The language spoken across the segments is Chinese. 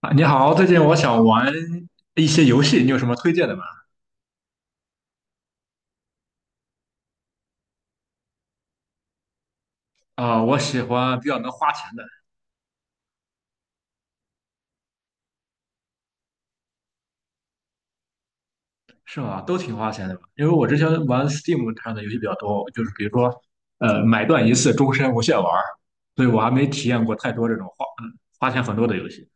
啊，你好，最近我想玩一些游戏，你有什么推荐的吗？啊，我喜欢比较能花钱的。是吗？都挺花钱的吧？因为我之前玩 Steam 上的游戏比较多，就是比如说，买断一次，终身无限玩儿，所以我还没体验过太多这种花钱很多的游戏。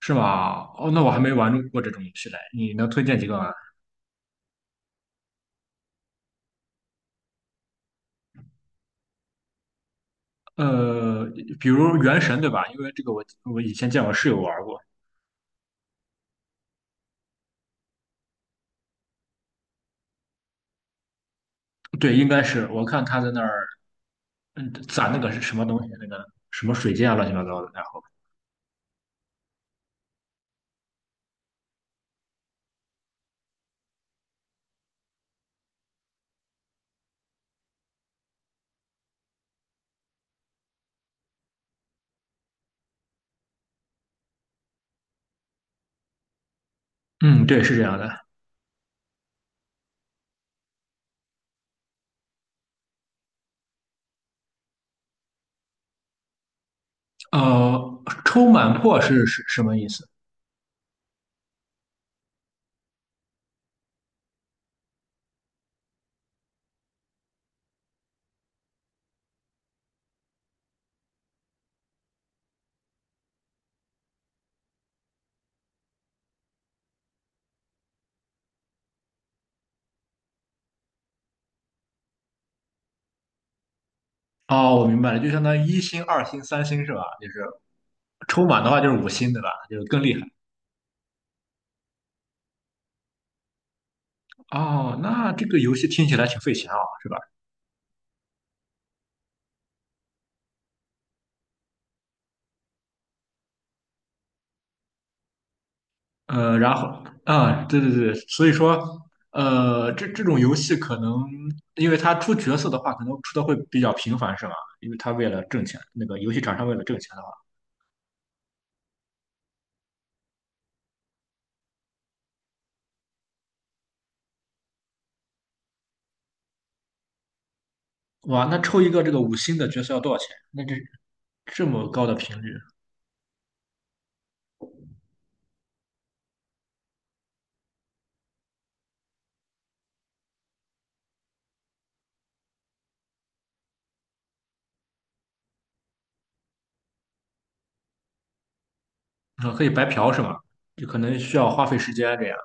是吗？哦，那我还没玩过这种游戏嘞，你能推荐几个吗？呃，比如《原神》对吧？因为这个我以前见我室友玩过。对，应该是我看他在那儿。嗯，攒那个是什么东西？那个什么水晶啊，乱七八糟的。然后，嗯，对，是这样的。呃，抽满破是什么意思？哦，我明白了，就相当于一星、二星、三星是吧？就是抽满的话就是五星，对吧？就是更厉害。哦，那这个游戏听起来挺费钱啊，是吧？呃，然后啊，对，所以说，呃，这种游戏可能，因为它出角色的话，可能出的会比较频繁，是吧？因为它为了挣钱，那个游戏厂商为了挣钱的话。哇，那抽一个这个五星的角色要多少钱？那这这么高的频率，啊，可以白嫖是吗？就可能需要花费时间这样。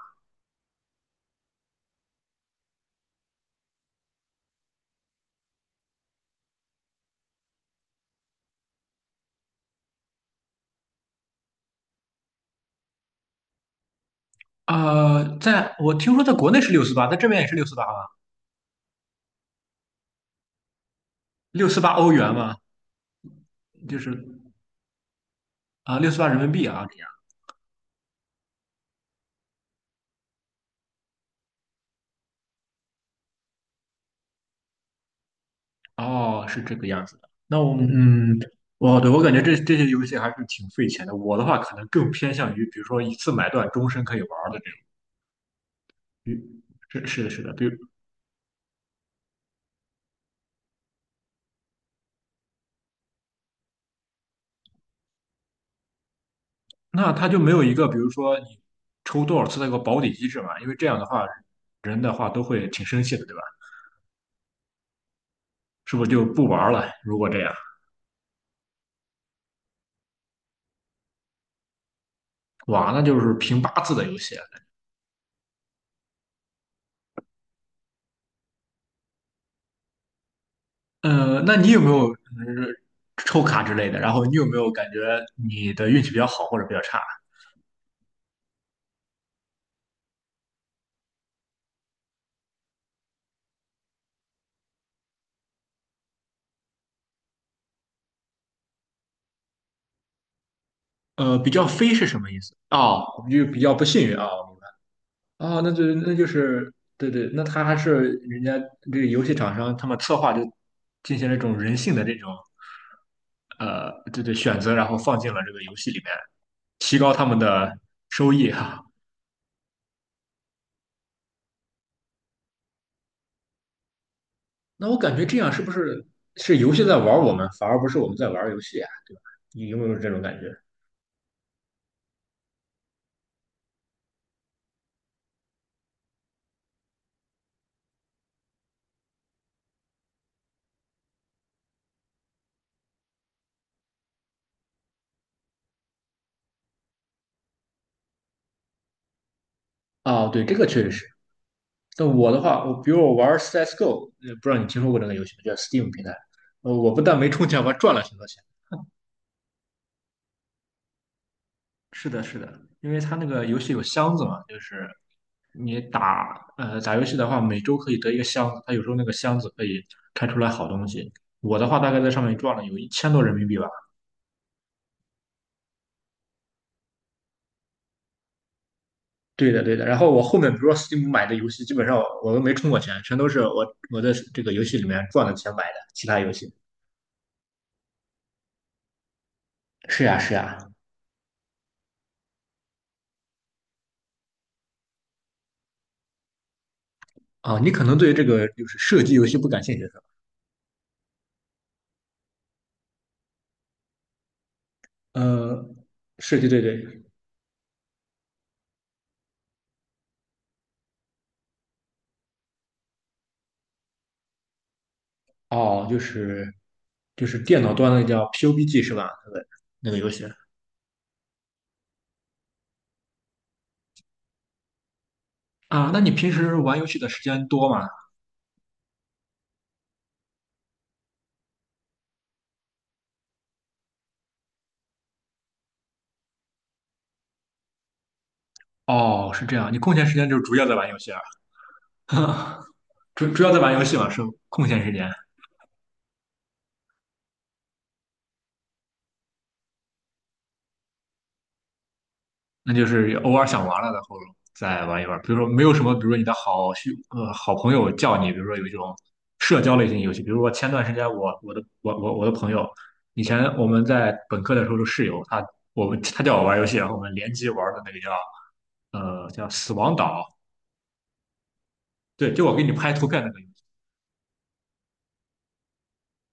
呃，在我听说在国内是六四八，在这边也是六四八吗？六四八欧元吗？就是啊，六四八人民币啊，这样。哦，是这个样子的。那我们嗯，我对我感觉这这些游戏还是挺费钱的。我的话可能更偏向于，比如说一次买断，终身可以玩儿的这种。是的，是的，比如那它就没有一个，比如说你抽多少次的一个保底机制嘛？因为这样的话，人的话都会挺生气的，对吧？是不是就不玩了？如果这样，哇，那就是凭八字的游戏。呃，那你有没有嗯抽卡之类的？然后你有没有感觉你的运气比较好或者比较差？呃，比较飞是什么意思？哦，就比较不幸运啊。哦，那就对对，那他还是人家这个游戏厂商他们策划就进行了一种人性的这种对对选择，然后放进了这个游戏里面，提高他们的收益哈。那我感觉这样是不是是游戏在玩我们，反而不是我们在玩游戏啊，对吧？你有没有这种感觉？啊，对，这个确实是。但我的话，我比如我玩 CSGO，不知道你听说过这个游戏吗？叫 Steam 平台。呃，我不但没充钱，我还赚了很多钱。是的，是的，因为它那个游戏有箱子嘛，就是你打打游戏的话，每周可以得一个箱子，它有时候那个箱子可以开出来好东西。我的话大概在上面赚了有一千多人民币吧。对的，对的。然后我后面比如说 Steam 买的游戏，基本上我都没充过钱，全都是我这个游戏里面赚的钱买的其他游戏。是呀，是呀。啊，你可能对这个就是射击游戏不感兴趣是吧？呃，射击，对对。哦，就是电脑端的叫 PUBG 是吧？那个游戏。啊，那你平时玩游戏的时间多吗？哦，是这样，你空闲时间就是主要在玩游戏啊，主要在玩游戏嘛，是空闲时间，那就是偶尔想玩了，然后再玩一玩。比如说没有什么，比如说你的好兄呃好朋友叫你，比如说有一种社交类型游戏，比如说前段时间我的朋友，以前我们在本科的时候的室友，他叫我玩游戏，然后我们联机玩的那个叫叫死亡岛，对，就我给你拍图片那个。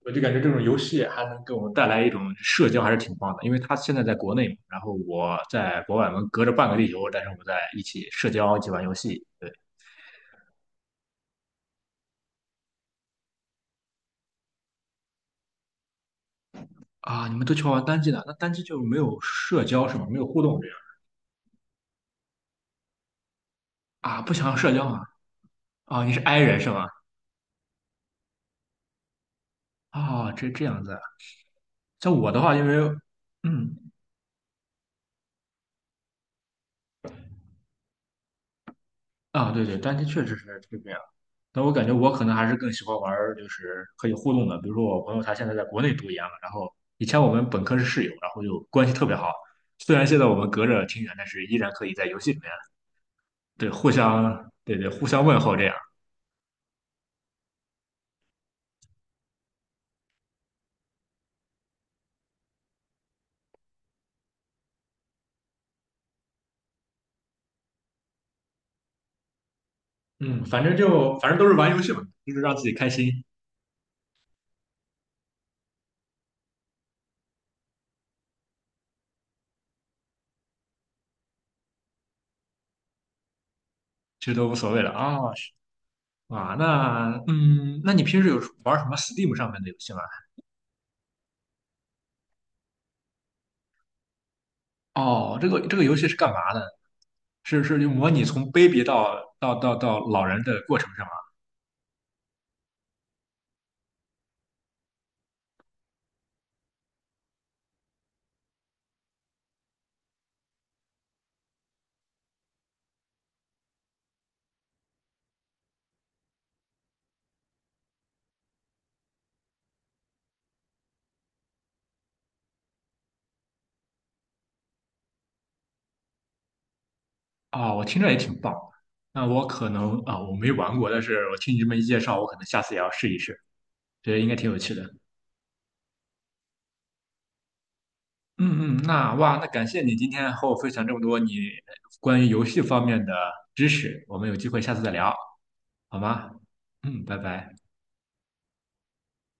我就感觉这种游戏还能给我们带来一种社交，还是挺棒的。因为他现在在国内嘛，然后我在国外，我们隔着半个地球，但是我们在一起社交，一起玩游戏。对啊，你们都喜欢玩单机的，那单机就没有社交是吗？没有互动这样啊？不想要社交啊？啊，你是 i 人是吗？啊，这这样子啊像我的话，因为嗯，啊，对对，单机确实是这个样。但我感觉我可能还是更喜欢玩儿就是可以互动的，比如说我朋友他现在在国内读研了，然后以前我们本科是室友，然后就关系特别好。虽然现在我们隔着挺远，但是依然可以在游戏里面对互相对对互相问候这样。嗯，反正都是玩游戏嘛，就是让自己开心，其实都无所谓了啊、是啊，那嗯，那你平时有玩什么 Steam 上面的游戏吗？哦，这个游戏是干嘛的？是是就模拟从 baby 到老人的过程是吗？啊，我听着也挺棒。那我可能啊，我没玩过，但是我听你这么一介绍，我可能下次也要试一试，觉得应该挺有趣的。嗯嗯，那哇，那感谢你今天和我分享这么多你关于游戏方面的知识，我们有机会下次再聊，好吗？嗯，拜拜。